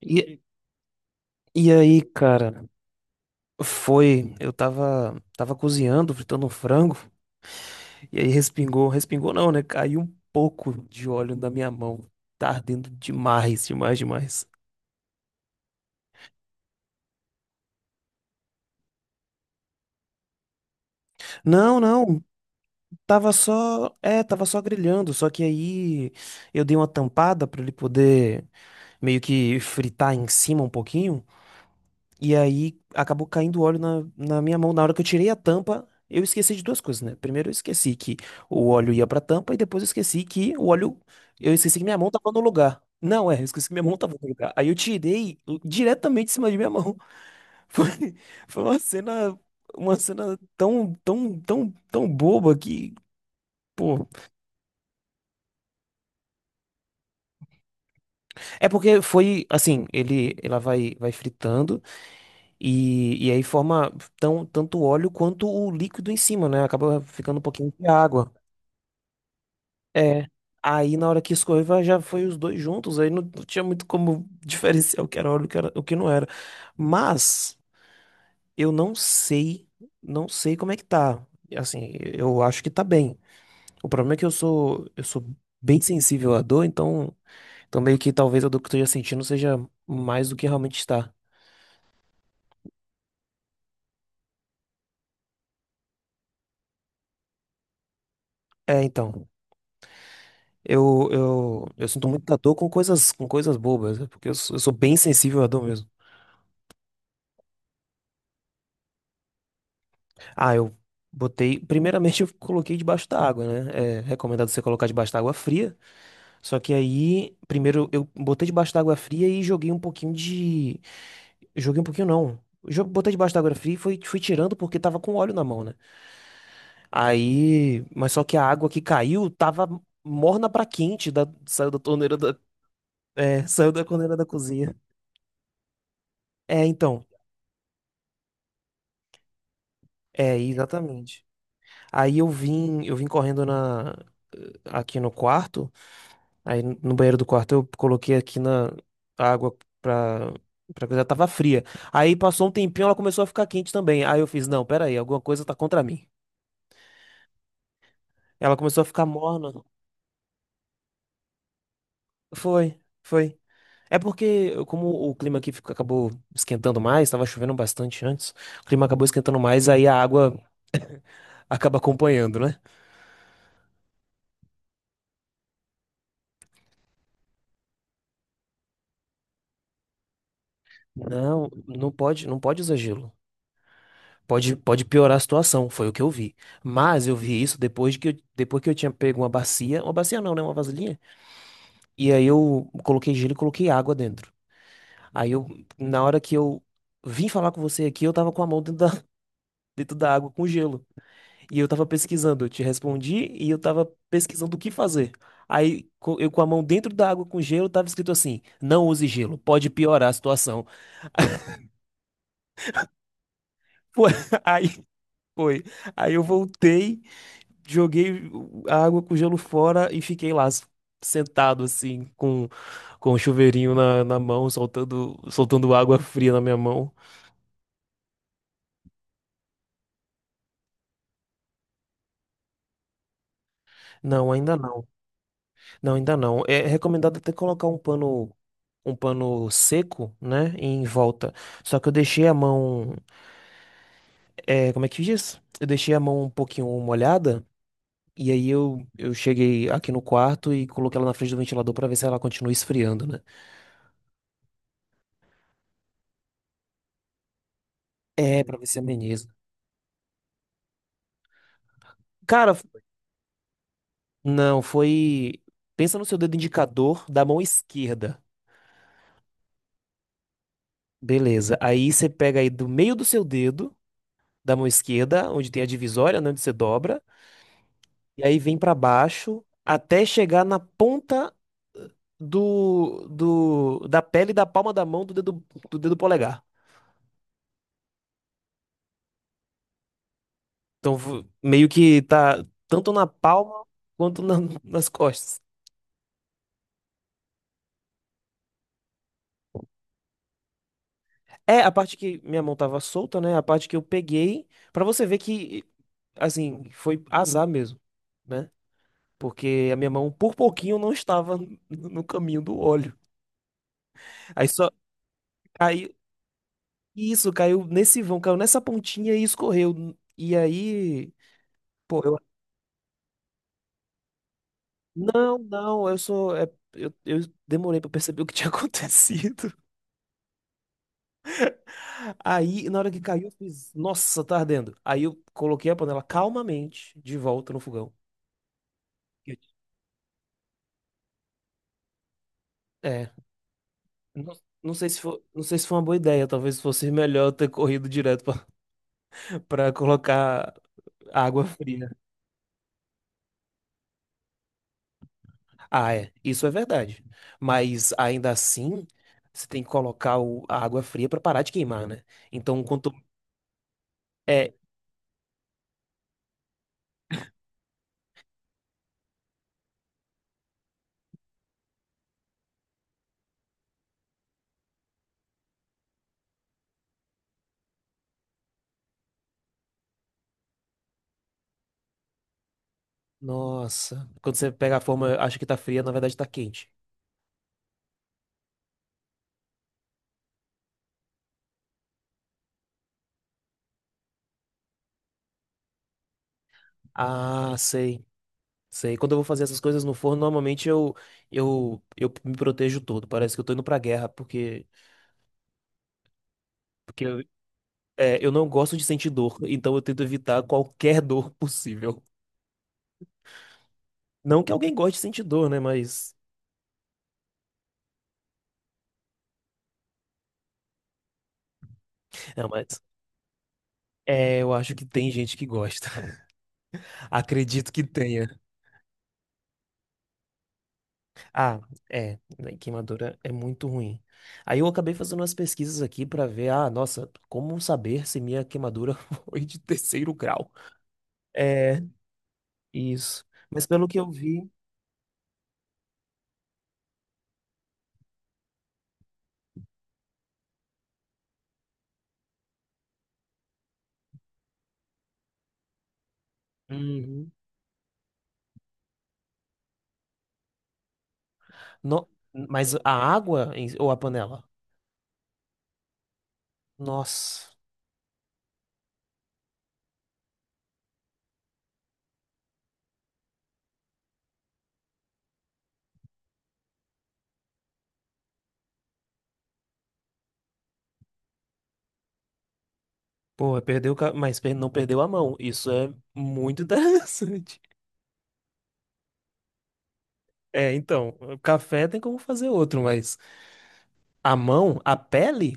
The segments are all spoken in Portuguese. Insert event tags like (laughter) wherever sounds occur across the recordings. E, e aí, cara, foi. Eu tava cozinhando, fritando um frango, e aí respingou, respingou não, né? Caiu um pouco de óleo na minha mão. Tá ardendo demais, demais, demais. Não, não, tava só. É, tava só grelhando, só que aí eu dei uma tampada pra ele poder meio que fritar em cima um pouquinho. E aí acabou caindo óleo na minha mão. Na hora que eu tirei a tampa, eu esqueci de duas coisas, né? Primeiro eu esqueci que o óleo ia pra tampa e depois eu esqueci que o óleo. Eu esqueci que minha mão tava no lugar. Não, é, eu esqueci que minha mão tava no lugar. Aí eu tirei diretamente em cima de minha mão. (laughs) Foi, foi uma cena tão, tão, tão, tão boba que. Pô. É porque foi assim, ele, ela vai, vai fritando. E aí forma tão, tanto o óleo quanto o líquido em cima, né? Acaba ficando um pouquinho de água. É. Aí na hora que escorreu já foi os dois juntos, aí não, não tinha muito como (laughs) diferenciar o que era óleo, o que era, o que não era. Mas eu não sei, não sei como é que tá. Assim, eu acho que tá bem. O problema é que eu sou bem sensível à dor, então, então meio que talvez a dor que eu esteja sentindo seja mais do que realmente está. É, então. Eu sinto muita dor com coisas bobas, né? Porque eu sou bem sensível à dor mesmo. Ah, eu botei. Primeiramente, eu coloquei debaixo da água, né? É recomendado você colocar debaixo da água fria. Só que aí, primeiro, eu botei debaixo da água fria e joguei um pouquinho de. Joguei um pouquinho, não. Jo- Botei debaixo da água fria e fui, fui tirando porque tava com óleo na mão, né? Aí. Mas só que a água que caiu tava morna pra quente, da, saiu da torneira da. É, saiu da torneira da cozinha. É, então. É, exatamente. Aí eu vim correndo na aqui no quarto, aí no banheiro do quarto eu coloquei aqui na a água pra para coisa tava fria. Aí passou um tempinho, ela começou a ficar quente também. Aí eu fiz, não, pera aí, alguma coisa tá contra mim. Ela começou a ficar morna. Foi, foi. É porque como o clima aqui ficou- acabou esquentando mais, tava chovendo bastante antes, o clima acabou esquentando mais, aí a água acaba acompanhando, né? Não, não pode, não pode usar gelo. Pode, pode piorar a situação, foi o que eu vi. Mas eu vi isso depois de que eu, depois que eu tinha pego uma bacia não, né, uma vasilhinha. E aí eu coloquei gelo e coloquei água dentro. Aí eu, na hora que eu vim falar com você aqui, eu tava com a mão dentro da, (laughs) dentro da água com gelo. E eu tava pesquisando, eu te respondi e eu tava pesquisando o que fazer. Aí co- eu com a mão dentro da água com gelo, tava escrito assim: não use gelo, pode piorar a situação. (laughs) Foi- Aí foi. Aí eu voltei. Joguei a água com gelo fora e fiquei lá s- sentado assim com o chuveirinho na, na mão, soltando água fria na minha mão. Não, ainda não. Não, ainda não. É recomendado até colocar um pano seco, né, em volta. Só que eu deixei a mão, é, como é que diz? Eu deixei a mão um pouquinho molhada. E aí eu cheguei aqui no quarto e coloquei ela na frente do ventilador pra ver se ela continua esfriando, né? É, pra ver se ameniza. Cara, não, foi. Pensa no seu dedo indicador da mão esquerda. Beleza. Aí você pega aí do meio do seu dedo, da mão esquerda, onde tem a divisória, né, onde você dobra, e aí vem pra baixo até chegar na ponta do, do da pele da palma da mão do dedo polegar. Então vo- meio que tá tanto na palma quanto na- nas costas. É a parte que minha mão tava solta, né? A parte que eu peguei, pra você ver que assim, foi azar mesmo né? Porque a minha mão por pouquinho não estava no no caminho do óleo. Aí só caiu, isso, caiu nesse vão, caiu nessa pontinha e escorreu. E aí, pô, eu, não, não, eu sou, é, eu demorei pra perceber o que tinha (laughs) acontecido. Aí, na hora que caiu, eu fiz, nossa, tá ardendo. Aí eu coloquei a panela calmamente de volta no fogão. Eu- é, não, não sei se foi, não sei se foi uma boa ideia, talvez fosse melhor eu ter corrido direto pra (laughs) pra colocar água fria. Ah, é, isso é verdade. Mas ainda assim, você tem que colocar o- a água fria para parar de queimar, né? Então, quanto é, nossa, quando você pega a forma, acha que tá fria, na verdade tá quente. Ah, sei, sei. Quando eu vou fazer essas coisas no forno, normalmente eu eu me protejo todo. Parece que eu tô indo pra guerra, porque porque eu, é, eu não gosto de sentir dor, (laughs) então eu tento evitar qualquer dor possível. Não que alguém goste de sentir dor, né, mas é, eu acho que tem gente que gosta. Acredito que tenha. Ah, é. Né, queimadura é muito ruim. Aí eu acabei fazendo umas pesquisas aqui pra ver, ah, nossa, como saber se minha queimadura (laughs) foi de terceiro grau? É, isso. Mas pelo que eu vi. Uhum. No- mas a água em- ou a panela? Nossa. Pô, perdeu, o ca- mas per- não perdeu a mão. Isso é muito (laughs) interessante. É, então, o café tem como fazer outro, mas a mão, a pele?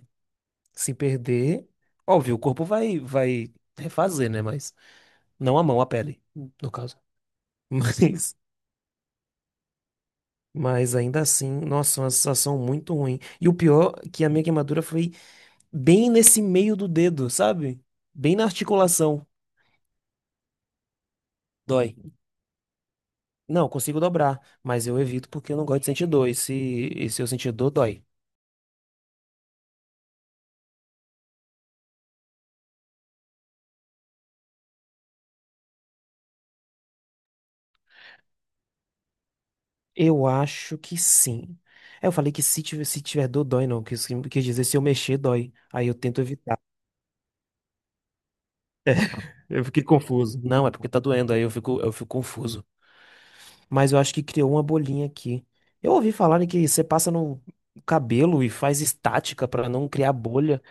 Se perder, óbvio, o corpo vai vai refazer, né? Mas não a mão, a pele, no caso. (laughs) Mas mas ainda assim, nossa, uma sensação muito ruim. E o pior é que a minha queimadura foi bem nesse meio do dedo, sabe? Bem na articulação. Dói. Não, eu consigo dobrar, mas eu evito porque eu não gosto de sentir dor. E se eu sentir dor, dói. Eu acho que sim. É, eu falei que se tiver, se tiver dor, dói, não. Quis, quis dizer se eu mexer, dói. Aí eu tento evitar. Eu fiquei confuso. Não, é porque tá doendo, aí eu fico confuso. Mas eu acho que criou uma bolinha aqui. Eu ouvi falar que você passa no cabelo e faz estática pra não criar bolha.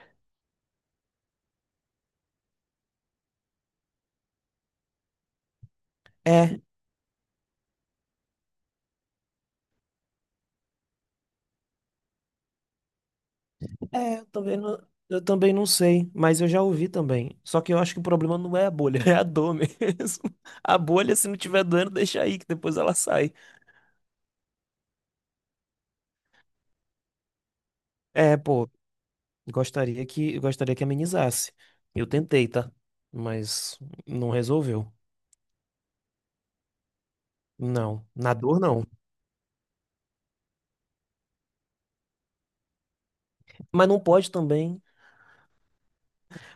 É, é, eu também não sei, mas eu já ouvi também. Só que eu acho que o problema não é a bolha, (laughs) é a dor mesmo. A bolha, se não tiver doendo, deixa aí, que depois ela sai. É, pô, gostaria que amenizasse. Eu tentei, tá? Mas não resolveu. Não, na dor não. Mas não pode também.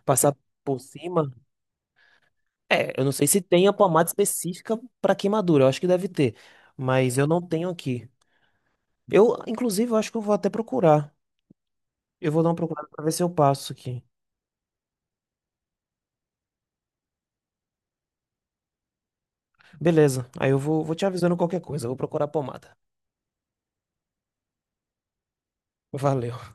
Passar por cima? É, eu não sei se tem a pomada específica para queimadura, eu acho que deve ter, mas eu não tenho aqui. Eu, inclusive, eu acho que eu vou até procurar. Eu vou dar uma procurada para ver se eu passo aqui. Beleza, aí eu vou, vou te avisando qualquer coisa, eu vou procurar a pomada. Valeu.